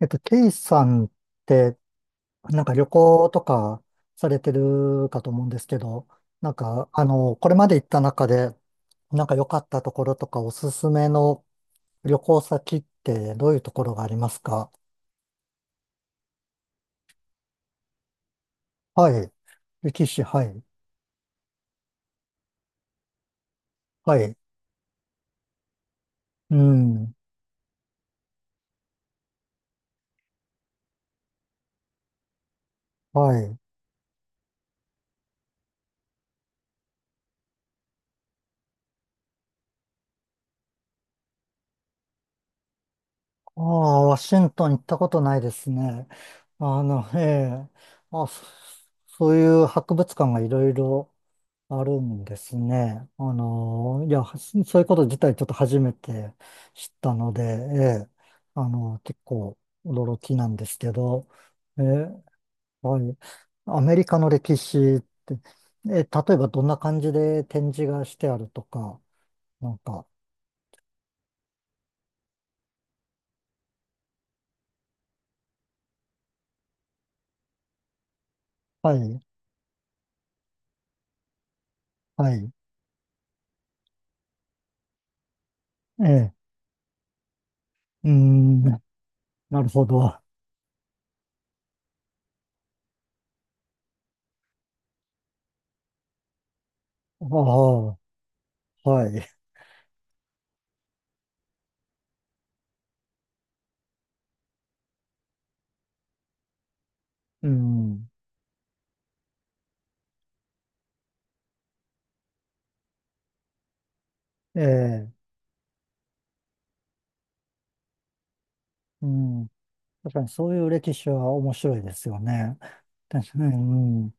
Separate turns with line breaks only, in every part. ケイさんって、なんか旅行とかされてるかと思うんですけど、なんか、あの、これまで行った中で、なんか良かったところとかおすすめの旅行先ってどういうところがありますか？はい。歴史、はい。はい。うん。はい。ああ、ワシントン行ったことないですね。あの、ええ。あ、そういう博物館がいろいろあるんですね。いや、はそういうこと自体ちょっと初めて知ったので、ええ、結構驚きなんですけど、ええ、はい。アメリカの歴史って、ええ、例えばどんな感じで展示がしてあるとか、なんか、はい、はい、ええ、うーん、なるほど。ああ、はい、うん、ええ、うん。確かにそういう歴史は面白いですよね。確かに、うん、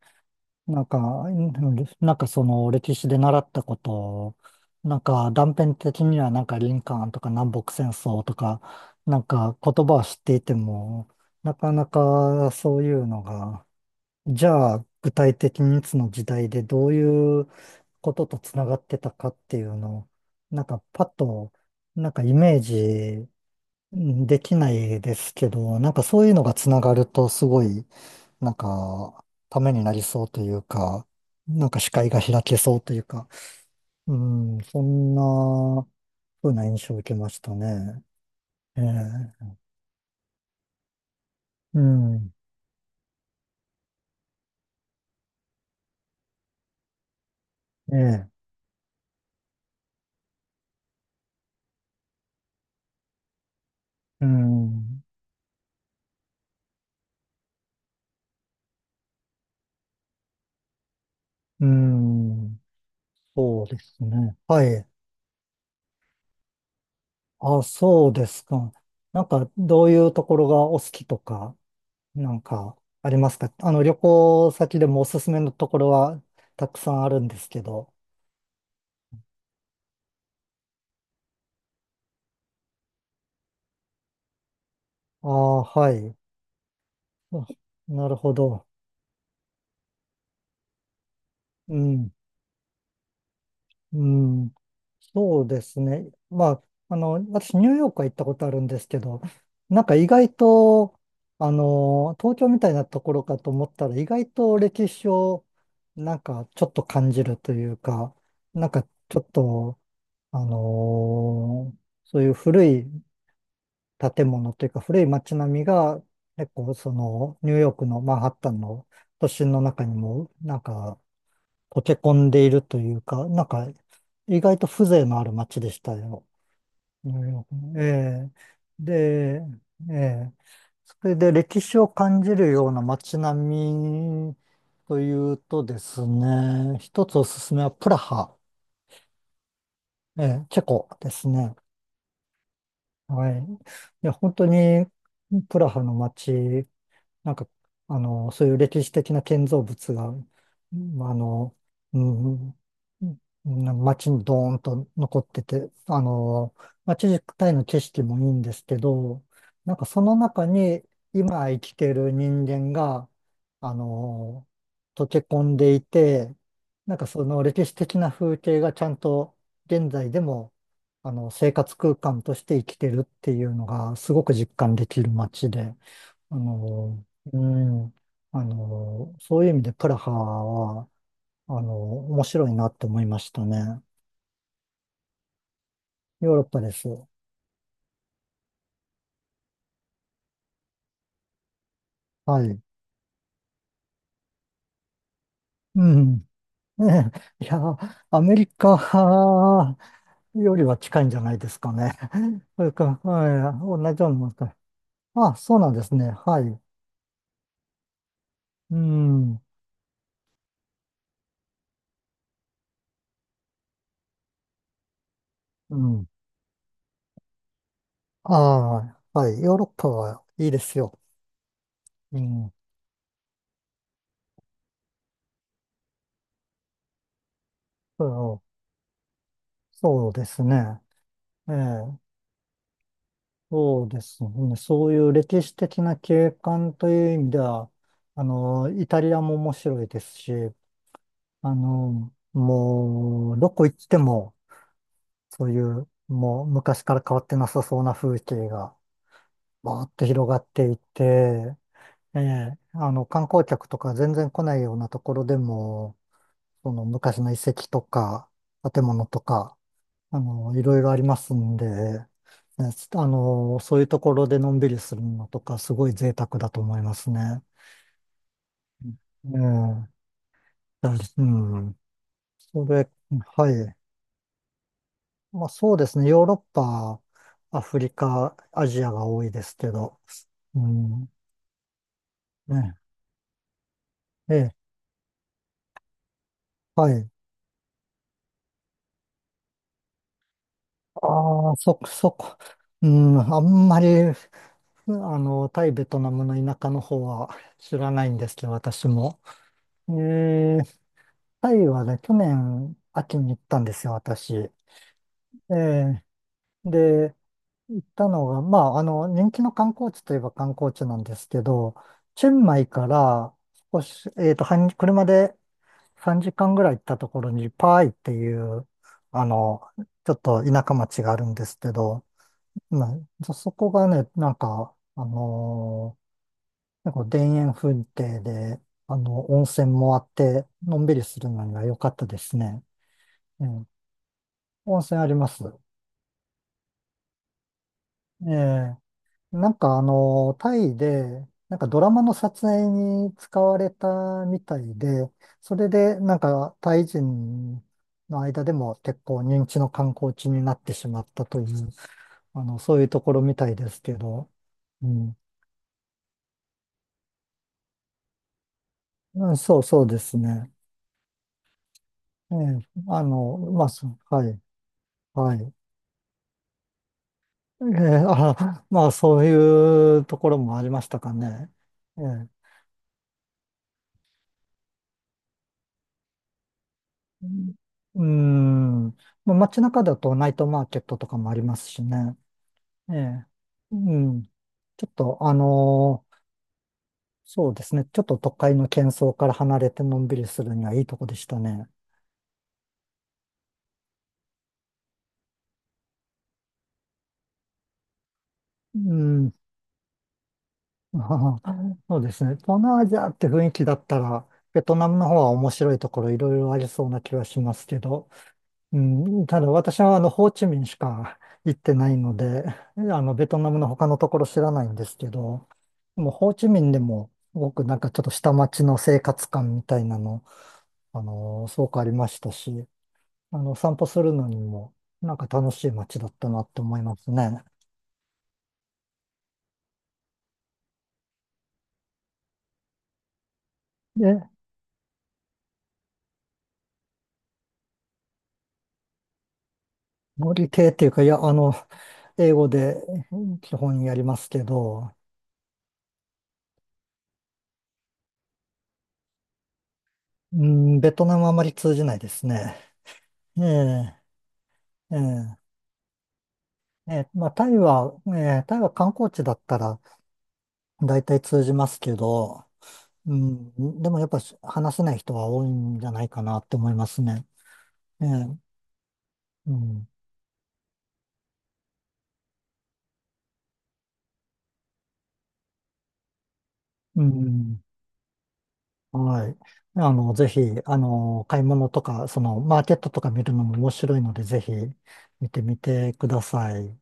なんか、うん、なんかその歴史で習ったことを、なんか断片的にはなんかリンカーンとか南北戦争とか、なんか言葉は知っていても、なかなかそういうのが、じゃあ具体的にいつの時代でどういうこととつながってたかっていうのを、なんかパッと、なんかイメージできないですけど、なんかそういうのがつながるとすごいなんか、ためになりそうというか、なんか視界が開けそうというか、うん、そんな風な印象を受けましたね。ええ、うん、ええ、うん、うん、そうですね。はい。あ、そうですか。なんか、どういうところがお好きとか、なんか、ありますか？あの、旅行先でもおすすめのところはたくさんあるんですけど。ああ、はい。あ、なるほど。うん。うん、そうですね。まあ、あの、私、ニューヨークは行ったことあるんですけど、なんか意外と、あの、東京みたいなところかと思ったら、意外と歴史を、なんかちょっと感じるというか、なんかちょっと、あのそういう古い建物というか、古い街並みが、結構、その、ニューヨークのマンハッタンの都心の中にも、なんか、溶け込んでいるというか、なんか、意外と風情のある街でしたよ。ニューヨーク、ええ、で、ええ、それで歴史を感じるような街並みというとですね、一つおすすめはプラハ、ええ、チェコですね。はい。いや、本当にプラハの街、なんか、あの、そういう歴史的な建造物が、うん、あの、うん、うん、街にドーンと残ってて、あの、街自体の景色もいいんですけど、なんかその中に今生きてる人間が、あの、溶け込んでいて、なんかその歴史的な風景がちゃんと現在でも、あの、生活空間として生きてるっていうのがすごく実感できる街で、あの、うん、あの、そういう意味でプラハは、あの、面白いなって思いましたね。ヨーロッパです。はい。うん。ねえ、いや、アメリカよりは近いんじゃないですかね。それか、はい、同じようなもんか。あ、そうなんですね。はい。うん。うん。ああ、はい。ヨーロッパはいいですよ。うん。そう、そうですね。ええ、そうですね。そういう歴史的な景観という意味では、あの、イタリアも面白いですし、あの、もう、どこ行っても、そういう、もう昔から変わってなさそうな風景が、ぼーっと広がっていて、ええ、あの、観光客とか全然来ないようなところでも、その昔の遺跡とか、建物とか、あの、いろいろありますんで、ね、あの、そういうところでのんびりするのとか、すごい贅沢だと思いますね。うん、だ、うん。それ、はい。まあそうですね。ヨーロッパ、アフリカ、アジアが多いですけど。うん。ね。ええ、はい。ああ、そこ。うん、あんまり、あの、タイ、ベトナムの田舎の方は知らないんですけど、私も。ええ、タイはね、去年秋に行ったんですよ、私。ええ、で、行ったのが、まあ、あの、人気の観光地といえば観光地なんですけど、チェンマイから少し、半車で3時間ぐらい行ったところに、パーイっていう、あの、ちょっと田舎町があるんですけど、まあ、そこがね、なんか、なんか田園風景で、あの、温泉もあって、のんびりするのには良かったですね。温泉あります。ええ、なんかあの、タイで、なんかドラマの撮影に使われたみたいで、それでなんかタイ人の間でも結構人気の観光地になってしまったという、あの、そういうところみたいですけど、うん。うん、そうそうですね。ええ、あの、まあ、そうはい、はい。ええ、あ、まあ、そういうところもありましたかね。ええ、うん。うん、まあ、街中だとナイトマーケットとかもありますしね。ええ。うん。ちょっと、そうですね。ちょっと都会の喧騒から離れてのんびりするにはいいとこでしたね。うん。あー、そうですね。東南アジアって雰囲気だったら、ベトナムの方は面白いところいろいろありそうな気はしますけど、うん、ただ私はあのホーチミンしか行ってないので、あのベトナムの他のところ知らないんですけど、でもホーチミンでもすごくなんかちょっと下町の生活感みたいなの、あのすごくありましたし、あの散歩するのにもなんか楽しい街だったなって思いますね。で、料理系っていうか、いや、あの、英語で、うん、基本やりますけど、うん、ベトナムあまり通じないですね。えええええー、まあ、タイは、タイは観光地だったら大体通じますけど、うん、でもやっぱし話せない人は多いんじゃないかなって思いますね。えーうん、うん、はい。あの、ぜひ、あの、買い物とか、その、マーケットとか見るのも面白いので、ぜひ見てみてください。